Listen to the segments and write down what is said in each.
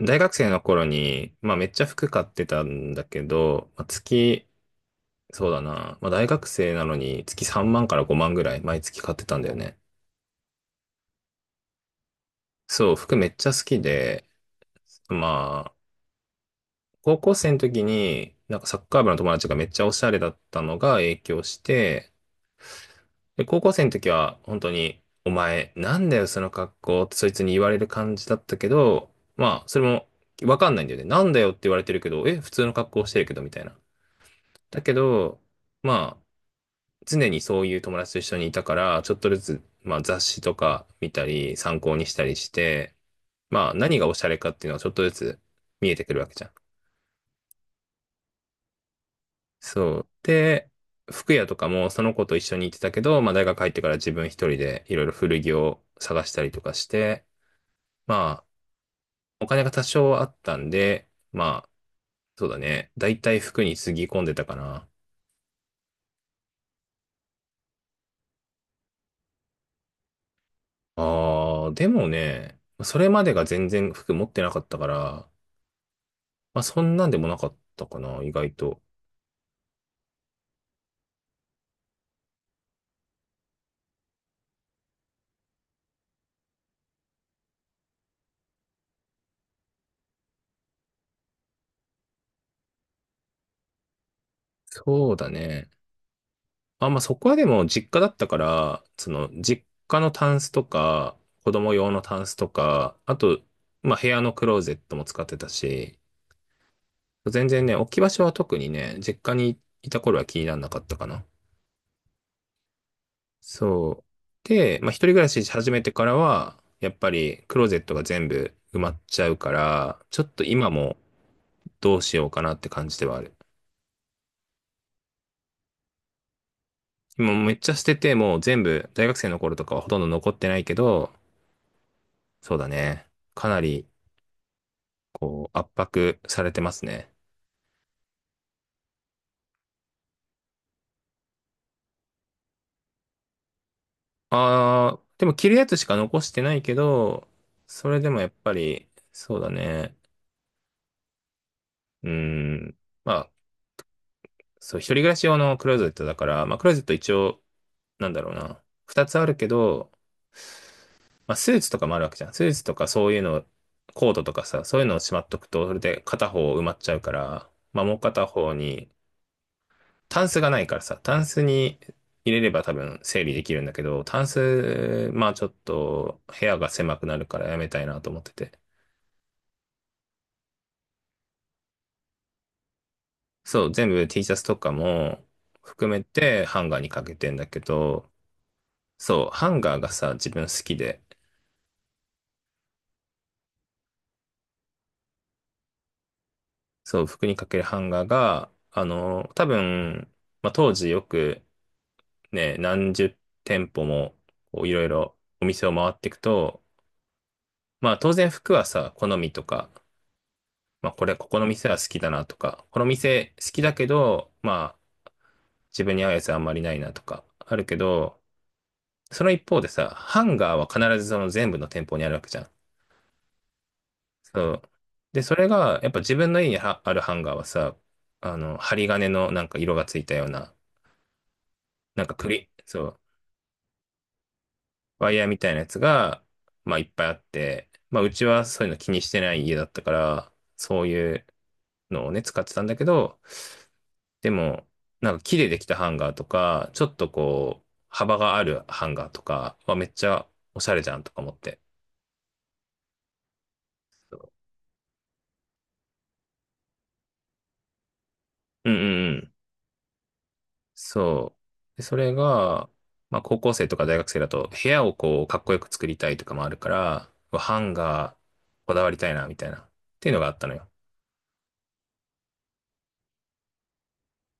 大学生の頃に、まあめっちゃ服買ってたんだけど、まあ、月、そうだな。まあ大学生なのに月3万から5万ぐらい毎月買ってたんだよね。そう、服めっちゃ好きで、まあ、高校生の時に、なんかサッカー部の友達がめっちゃおしゃれだったのが影響して、で、高校生の時は本当に、お前、なんだよその格好ってそいつに言われる感じだったけど、まあ、それもわかんないんだよね。なんだよって言われてるけど、え、普通の格好してるけどみたいな。だけど、まあ、常にそういう友達と一緒にいたから、ちょっとずつ、まあ、雑誌とか見たり、参考にしたりして、まあ、何がおしゃれかっていうのはちょっとずつ見えてくるわけじゃん。そう。で、服屋とかもその子と一緒に行ってたけど、まあ、大学入ってから自分一人でいろいろ古着を探したりとかして、まあ、お金が多少あったんで、まあ、そうだね。だいたい服につぎ込んでたかな。ああ、でもね、それまでが全然服持ってなかったから、まあ、そんなんでもなかったかな、意外と。そうだね。あ、まあ、そこはでも実家だったから、その、実家のタンスとか、子供用のタンスとか、あと、まあ、部屋のクローゼットも使ってたし、全然ね、置き場所は特にね、実家にいた頃は気にならなかったかな。そう。で、まあ、一人暮らしし始めてからは、やっぱりクローゼットが全部埋まっちゃうから、ちょっと今もどうしようかなって感じではある。今めっちゃ捨てて、もう全部、大学生の頃とかはほとんど残ってないけど、そうだね。かなり、こう、圧迫されてますね。あー、でも着るやつしか残してないけど、それでもやっぱり、そうだね。うーん。まあ、そう、一人暮らし用のクローゼットだから、まあ、クローゼット一応、なんだろうな。二つあるけど、まあ、スーツとかもあるわけじゃん。スーツとかそういうの、コートとかさ、そういうのをしまっとくと、それで片方埋まっちゃうから、まあ、もう片方に、タンスがないからさ、タンスに入れれば多分整理できるんだけど、タンス、まあちょっと部屋が狭くなるからやめたいなと思ってて。そう、全部 T シャツとかも含めてハンガーにかけてんだけど、そう、ハンガーがさ、自分好きで、そう、服にかけるハンガーが、あの、多分、まあ当時よくね、何十店舗もこういろいろお店を回っていくと、まあ当然服はさ、好みとかまあ、これ、ここの店は好きだなとか、この店好きだけど、まあ、自分に合うやつあんまりないなとか、あるけど、その一方でさ、ハンガーは必ずその全部の店舗にあるわけじゃん。そう。で、それが、やっぱ自分の家にはあるハンガーはさ、あの、針金のなんか色がついたような、なんか栗、そう、ワイヤーみたいなやつが、まあ、いっぱいあって、まあ、うちはそういうの気にしてない家だったから、そういうのをね、使ってたんだけど、でも、なんか木でできたハンガーとか、ちょっとこう、幅があるハンガーとかはめっちゃおしゃれじゃんとか思って。うんうんうん。そう。で、それが、まあ高校生とか大学生だと部屋をこうかっこよく作りたいとかもあるから、うわハンガーこだわりたいなみたいな。っていうのがあったのよ。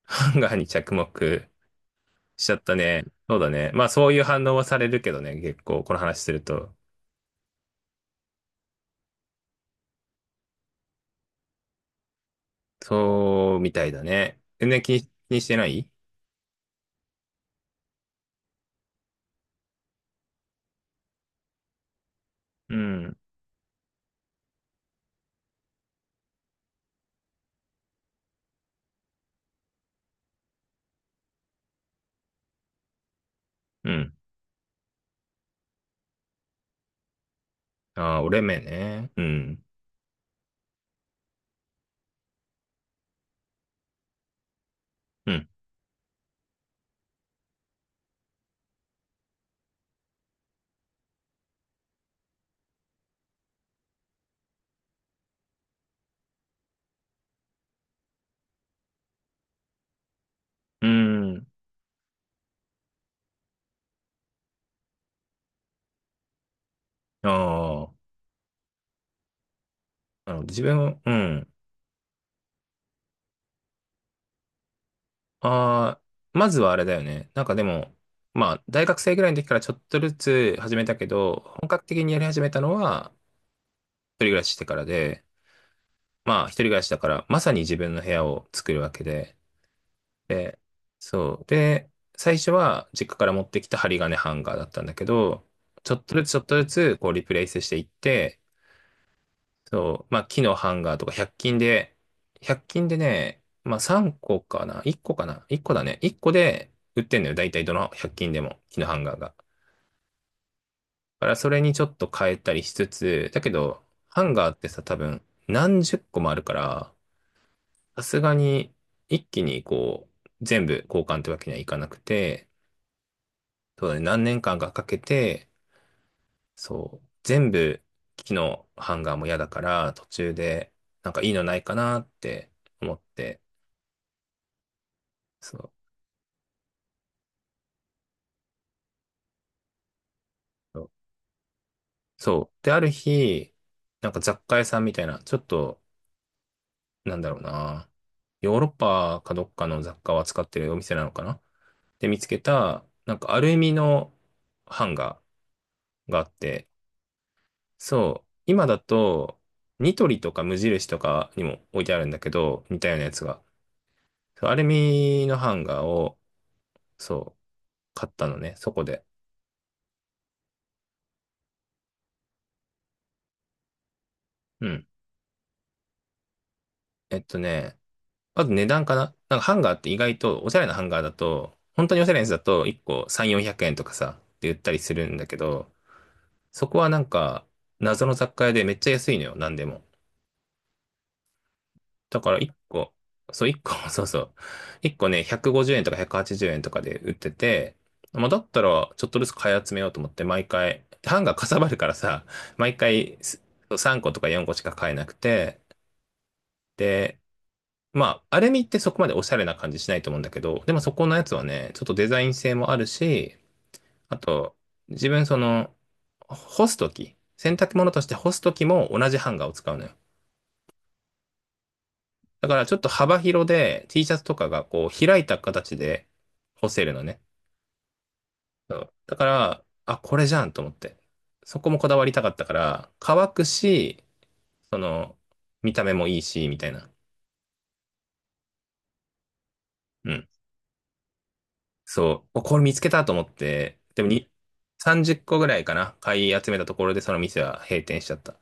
ハンガーに着目しちゃったね。そうだね。まあそういう反応はされるけどね、結構この話すると。そうみたいだね。全然気にしてないうん。うん。ああ、折れ目ね。うん。うん。うん。ああ、なるほど。自分、うん。ああ、まずはあれだよね。なんかでも、まあ、大学生ぐらいの時からちょっとずつ始めたけど、本格的にやり始めたのは、一人暮らししてからで、まあ、一人暮らしだから、まさに自分の部屋を作るわけで、で、そう。で、最初は、実家から持ってきた針金ハンガーだったんだけど、ちょっとずつちょっとずつ、こう、リプレイスしていって、そう、まあ、木のハンガーとか100均で、100均でね、まあ、3個かな？ 1 個かな？ 1 個だね。1個で売ってんのよ。大体どの100均でも、木のハンガーが。だからそれにちょっと変えたりしつつ、だけど、ハンガーってさ、多分何十個もあるから、さすがに一気にこう、全部交換ってわけにはいかなくて、そうだね、何年間かかけて、そう、全部木のハンガーも嫌だから、途中でなんかいいのないかなって思って、そう。そう。で、ある日、なんか雑貨屋さんみたいな、ちょっと、なんだろうな。ヨーロッパかどっかの雑貨を扱ってるお店なのかなで、見つけた、なんかアルミのハンガーがあって、そう。今だと、ニトリとか無印とかにも置いてあるんだけど、似たようなやつが。そうアルミのハンガーを、そう、買ったのね、そこで。うん。えっとね、あと値段かななんかハンガーって意外と、おしゃれなハンガーだと、本当におしゃれなやつだと1個3、400円とかさ、って売ったりするんだけど、そこはなんか、謎の雑貨屋でめっちゃ安いのよ、なんでも。だから1個、そう1個、そうそう。1個ね、150円とか180円とかで売ってて、まあ、だったらちょっとずつ買い集めようと思って毎回、ハンガーかさばるからさ、毎回す3個とか4個しか買えなくて、で、まあ、アルミってそこまでおしゃれな感じしないと思うんだけど、でもそこのやつはね、ちょっとデザイン性もあるし、あと、自分その、干すとき、洗濯物として干すときも同じハンガーを使うのよ。だからちょっと幅広で T シャツとかがこう開いた形で干せるのね。そうだから、あ、これじゃんと思って。そこもこだわりたかったから、乾くし、その、見た目もいいし、みたいな。うんそう、お、これ見つけたと思って、でもに、30個ぐらいかな、買い集めたところでその店は閉店しちゃった。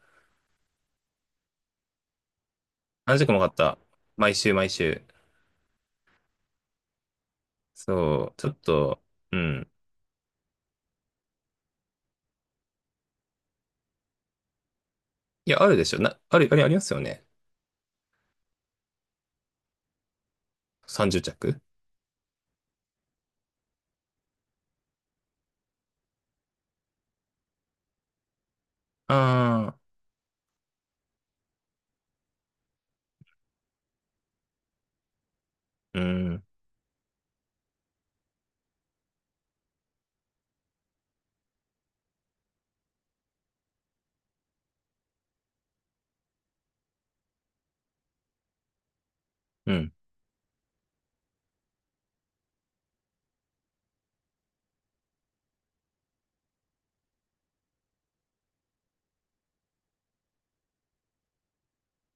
何十個も買った。毎週毎週。そう、ちょっと、うん。いや、あるでしょ。な、ある、あれありますよね。30着ああー、うん、うん。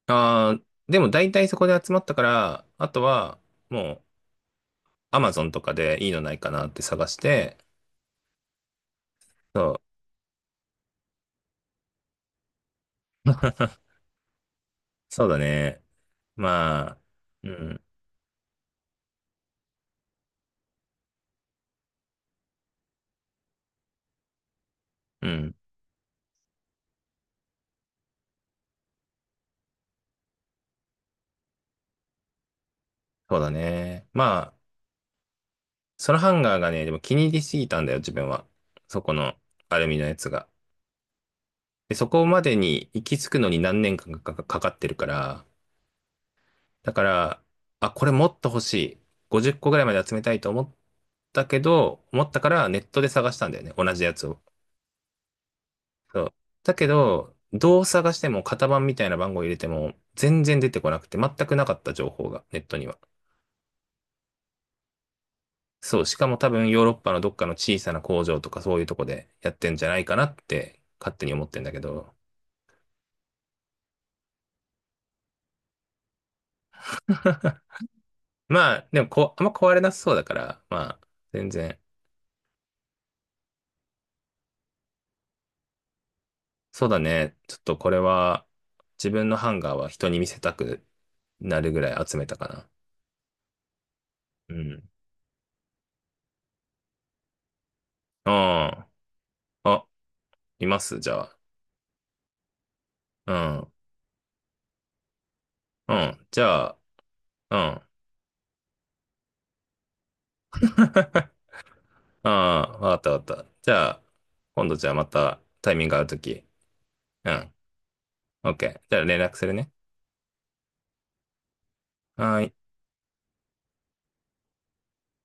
ああ、でも大体そこで集まったから、あとは、もう、アマゾンとかでいいのないかなって探して、そう、そうだね。まあ、うん、うん、そうだね。まそのハンガーがね、でも気に入りすぎたんだよ、自分は。そこのアルミのやつが。で、そこまでに行き着くのに何年間かかかかってるから、だから、あ、これもっと欲しい。50個ぐらいまで集めたいと思ったけど、思ったからネットで探したんだよね、同じやつを。そう。だけど、どう探しても型番みたいな番号入れても全然出てこなくて、全くなかった情報がネットには。そう、しかも多分ヨーロッパのどっかの小さな工場とかそういうとこでやってんじゃないかなって勝手に思ってんだけど。まあ、でもこう、あんま壊れなさそうだから、まあ、全然。そうだね。ちょっとこれは、自分のハンガーは人に見せたくなるぐらい集めたかな。うん。ああ、あ、いますじゃあ。うん。うん。じゃあ、うん。ああ、わかったわかった。じゃあ、今度じゃあまたタイミング合うとき。うん。オッケー。じゃあ連絡するね。はーい。